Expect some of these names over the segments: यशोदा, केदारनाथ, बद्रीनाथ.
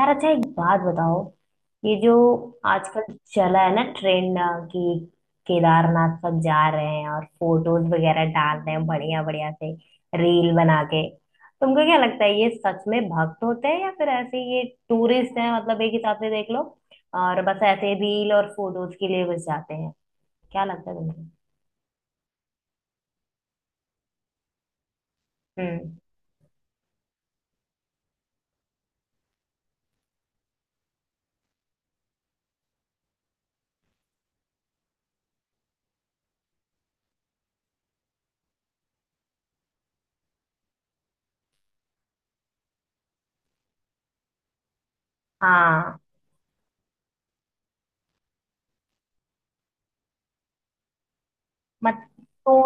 यार अच्छा, एक बात बताओ। ये जो आजकल चला है ना ट्रेंड कि केदारनाथ तक जा रहे हैं और फोटोज वगैरह डाल रहे हैं बढ़िया बढ़िया से, रील बना के। तुमको क्या लगता है, ये सच में भक्त होते हैं या फिर ऐसे ये टूरिस्ट हैं? मतलब एक हिसाब से देख लो, और बस ऐसे रील और फोटोज के लिए बस जाते हैं। क्या लगता है तुमको? हम्म। हाँ। मत तो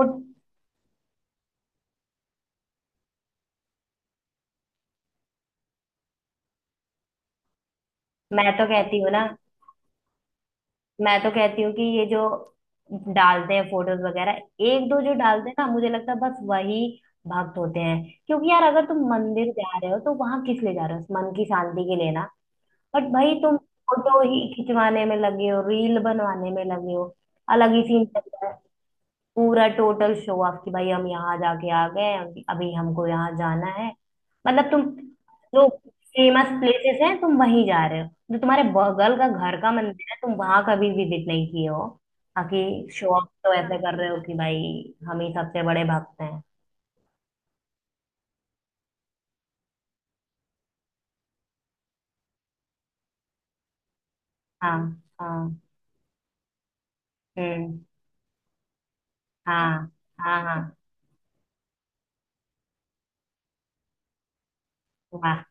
मैं तो कहती हूँ ना, मैं तो कहती हूँ कि ये जो डालते हैं फोटोज वगैरह, एक दो जो डालते हैं ना, मुझे लगता है बस वही भक्त होते हैं। क्योंकि यार, अगर तुम मंदिर जा रहे हो तो वहां किस लिए जा रहे हो? मन की शांति के लिए ना। बट भाई, तुम फोटो ही खिंचवाने में लगे हो, रील बनवाने में लगे हो, अलग ही सीन चल रहा है। पूरा टोटल शो ऑफ कि भाई हम यहाँ जाके आ गए, अभी अभी हमको यहाँ जाना है। मतलब तुम जो फेमस प्लेसेस हैं तुम वहीं जा रहे हो, जो तुम्हारे बगल का घर का मंदिर है तुम वहां कभी विजिट नहीं किए हो। बाकी शो ऑफ तो ऐसे कर रहे हो कि भाई हम ही सबसे बड़े भक्त हैं। हाँ। हाँ। हम्म। हाँ। हाँ। हाँ। वाह।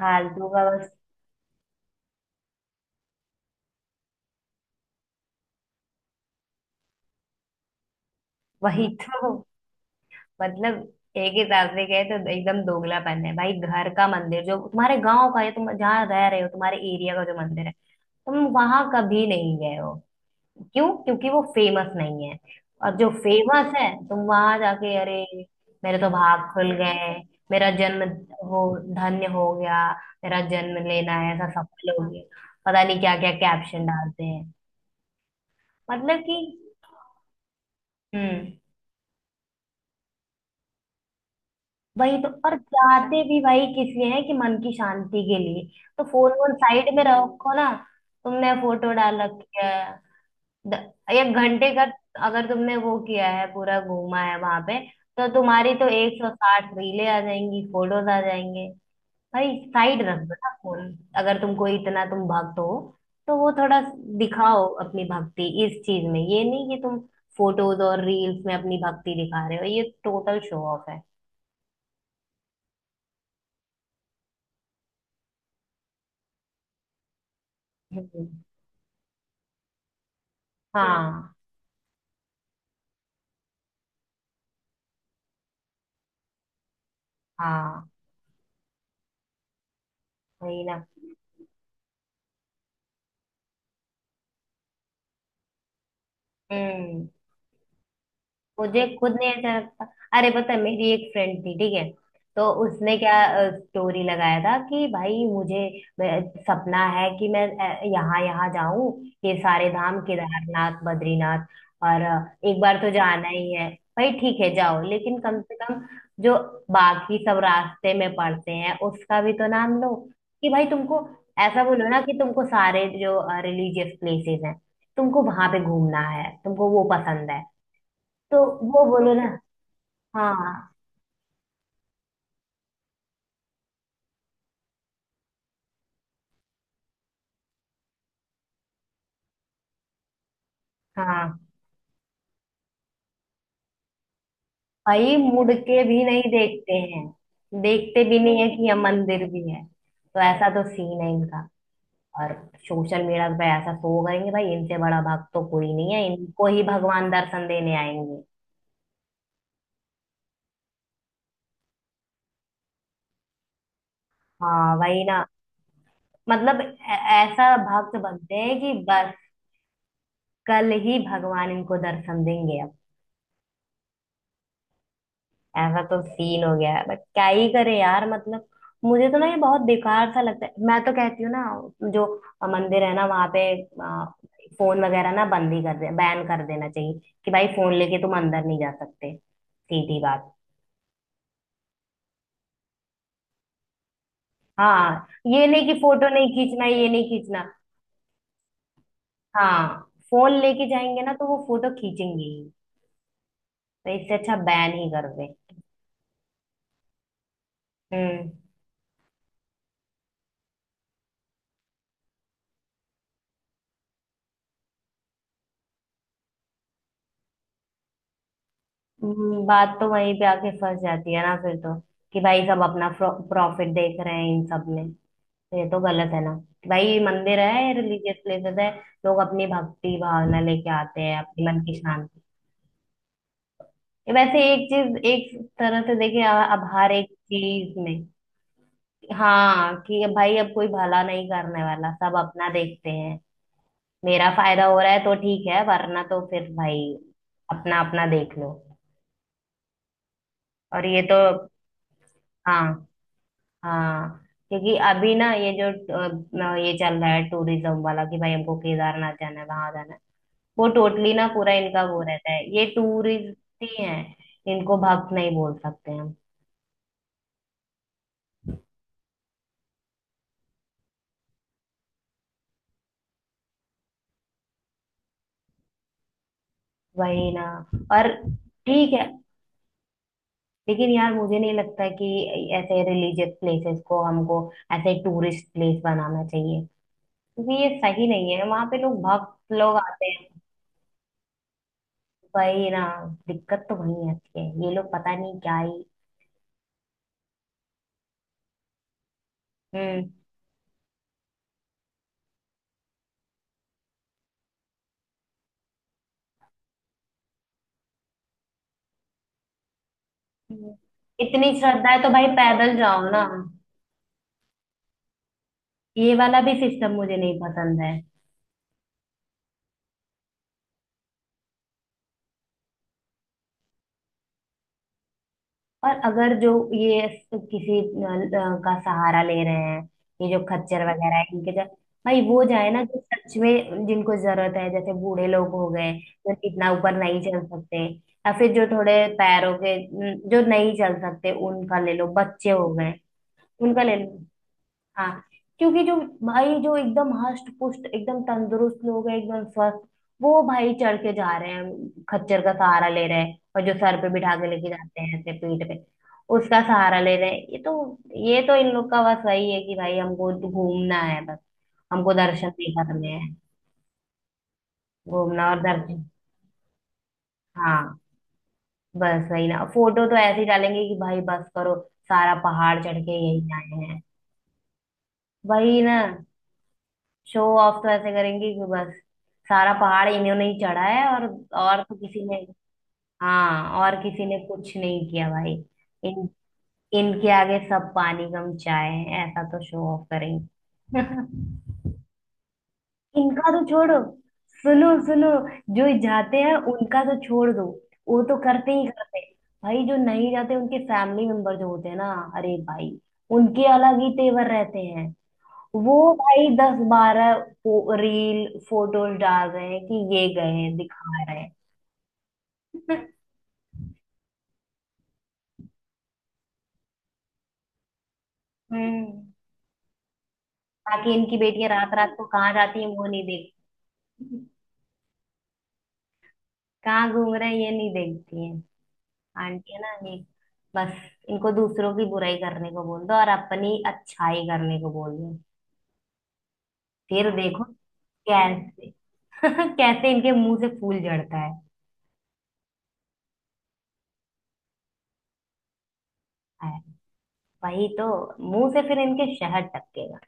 फालतू का बस। वही तो। मतलब एक ही सास में गए तो एकदम दोगलापन है, भाई। घर का मंदिर जो तुम्हारे गांव का है, तुम जहाँ रह रहे हो, तुम्हारे एरिया का जो मंदिर है, तुम वहां कभी नहीं गए हो। क्यों? क्योंकि वो फेमस नहीं है। और जो फेमस है तुम वहां जाके, अरे मेरे तो भाग खुल गए, मेरा जन्म वो धन्य हो गया, मेरा जन्म लेना है ऐसा सफल हो गया। पता नहीं क्या क्या कैप्शन डालते हैं। मतलब कि हम्म। वही तो, और जाते भी भाई किस लिए हैं? कि मन की शांति के लिए। तो फोन वोन साइड में रखो ना। तुमने फोटो डाल रखी है, द- 1 घंटे का। अगर तुमने वो किया है, पूरा घूमा है वहां पे, तो तुम्हारी तो 160 रीले आ जाएंगी, फोटोज आ जाएंगे। भाई साइड रख दो ना फोन। अगर तुमको इतना तुम भक्त हो तो वो थोड़ा दिखाओ अपनी भक्ति इस चीज में। ये नहीं कि तुम फोटोज और रील्स में अपनी भक्ति दिखा रहे हो, ये टोटल शो ऑफ है। हम्म। हाँ। हाँ वही ना। हम्म। मुझे खुद नहीं अच्छा लगता। अरे पता है, मेरी एक फ्रेंड थी ठीक है, तो उसने क्या स्टोरी लगाया था कि भाई मुझे सपना है कि मैं यहाँ यहाँ जाऊं, ये सारे धाम केदारनाथ बद्रीनाथ, और एक बार तो जाना ही है। भाई ठीक है जाओ, लेकिन कम से कम जो बाकी सब रास्ते में पड़ते हैं उसका भी तो नाम लो। कि भाई तुमको ऐसा बोलो ना कि तुमको सारे जो रिलीजियस प्लेसेस हैं, तुमको वहां पे घूमना है, तुमको वो पसंद है तो वो बोलो ना। हाँ। हाँ। भाई मुड़ के भी नहीं देखते हैं, देखते भी नहीं है कि यह मंदिर भी है। तो ऐसा तो सीन है इनका। और सोशल मीडिया पे ऐसा शो करेंगे, भाई इनसे बड़ा भक्त तो कोई नहीं है, इनको ही भगवान दर्शन देने आएंगे। हाँ वही ना। मतलब ऐसा भक्त बनते हैं कि बस कल ही भगवान इनको दर्शन देंगे, ऐसा तो सीन हो गया है। बट क्या ही करे यार, मतलब मुझे तो ना ये बहुत बेकार सा लगता है। मैं तो कहती हूँ ना, जो मंदिर है ना वहां पे फोन वगैरह ना बंद ही कर दे, बैन कर देना चाहिए। कि भाई फोन लेके तुम अंदर नहीं जा सकते, सीधी बात। हाँ ये नहीं कि फोटो नहीं खींचना, ये नहीं खींचना। हाँ फोन लेके जाएंगे ना तो वो फोटो खींचेंगे ही, तो इससे अच्छा बैन ही कर दे। हम्म। बात तो वहीं पे आके फंस जाती है ना फिर तो, कि भाई सब अपना प्रॉफिट देख रहे हैं इन सब में। तो ये तो गलत है ना, कि भाई मंदिर है, रिलीजियस प्लेसेस है, लोग अपनी भक्ति भावना लेके आते हैं, अपने मन की शांति। ये वैसे एक चीज, एक तरह से देखे अब हर एक चीज में, हाँ कि भाई अब कोई भला नहीं करने वाला, सब अपना देखते हैं। मेरा फायदा हो रहा है तो ठीक है वरना तो फिर भाई अपना अपना देख लो। और ये तो, हाँ, हाँ, क्योंकि अभी ना ये जो अ, ये चल रहा है टूरिज्म वाला कि भाई हमको केदारनाथ जाना है, वहां जाना है, वो टोटली ना पूरा इनका वो रहता है ये टूरिस्ट ही है। इनको भक्त नहीं बोल सकते हम। वही ना। और ठीक है, लेकिन यार मुझे नहीं लगता कि ऐसे रिलीजियस प्लेसेस को हमको ऐसे टूरिस्ट प्लेस बनाना चाहिए, क्योंकि ये सही नहीं है, वहां पे लोग भक्त लोग आते हैं। वही ना, दिक्कत तो वही आती है। ये लोग पता नहीं क्या ही। हम्म। इतनी श्रद्धा है तो भाई पैदल जाओ ना। ये वाला भी सिस्टम मुझे नहीं पसंद है। और अगर जो ये किसी का सहारा ले रहे हैं, ये जो खच्चर वगैरह है इनके भाई वो जाए ना जो सच में जिनको जरूरत है, जैसे बूढ़े लोग हो गए जो इतना ऊपर नहीं चल सकते, या फिर जो थोड़े पैरों के जो नहीं चल सकते उनका ले लो, बच्चे हो गए उनका ले लो। हाँ क्योंकि जो भाई जो एकदम हष्ट पुष्ट, एकदम तंदुरुस्त लोग हैं, एकदम स्वस्थ, वो भाई चढ़ के जा रहे हैं खच्चर का सहारा ले रहे हैं, और जो सर पे बिठा के लेके जाते हैं ऐसे पीठ पे, उसका सहारा ले रहे हैं। ये तो इन लोग का बस वही है कि भाई हमको घूमना है बस, हमको दर्शन नहीं करने हैं। घूमना और दर्शन, हाँ। बस वही ना, फोटो तो ऐसे ही डालेंगे कि भाई बस करो, सारा पहाड़ चढ़ के यही आए हैं। वही ना, शो ऑफ तो ऐसे करेंगे कि बस सारा पहाड़ इन्होंने ही चढ़ा है, और तो किसी ने, हाँ और किसी ने कुछ नहीं किया भाई। इन इनके आगे सब पानी कम चाय है, ऐसा तो शो ऑफ करेंगे इनका तो छोड़ो, सुनो सुनो, जो जाते हैं उनका तो छोड़ दो, वो तो करते ही करते हैं। भाई जो नहीं जाते, उनके फैमिली मेंबर जो होते हैं ना, अरे भाई उनके अलग ही तेवर रहते हैं। वो भाई दस बारह रील फोटोज डाल रहे हैं कि ये गए हैं, दिखा रहे हैं हम्म। बाकी इनकी बेटियां रात रात को कहाँ जाती हैं वो नहीं देखती, कहाँ घूम रहे हैं ये नहीं देखती हैं। आंटी है ना ये, बस इनको दूसरों की बुराई करने को बोल दो और अपनी अच्छाई करने को बोल दो, फिर देखो कैसे कैसे इनके मुंह से फूल झड़ता है। है, वही तो, मुंह से फिर इनके शहद टपकेगा।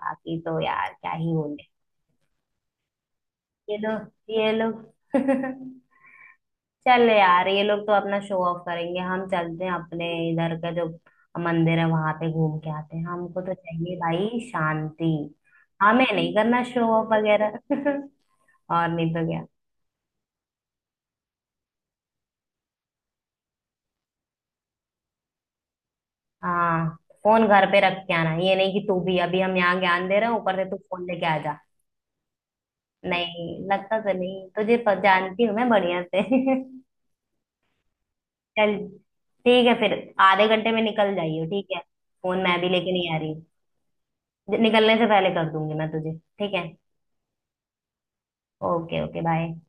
बाकी तो यार क्या ही बोले। ये दो ये लोग चल यार, ये लोग तो अपना शो ऑफ करेंगे, हम चलते हैं अपने इधर का जो मंदिर है वहां पे घूम के आते हैं, हमको तो चाहिए भाई शांति। हमें नहीं करना शो ऑफ वगैरह और नहीं तो क्या। हाँ फोन घर पे रख के आना, ये नहीं कि तू भी अभी हम यहाँ ज्ञान दे रहे हैं ऊपर से तू फोन लेके आ जा। नहीं लगता तो नहीं तुझे, जानती हूँ मैं बढ़िया से चल ठीक है फिर, आधे घंटे में निकल जाइयो ठीक है। फोन मैं भी लेके नहीं आ रही, निकलने से पहले कर दूंगी मैं तुझे, ठीक है। Okay okay bye.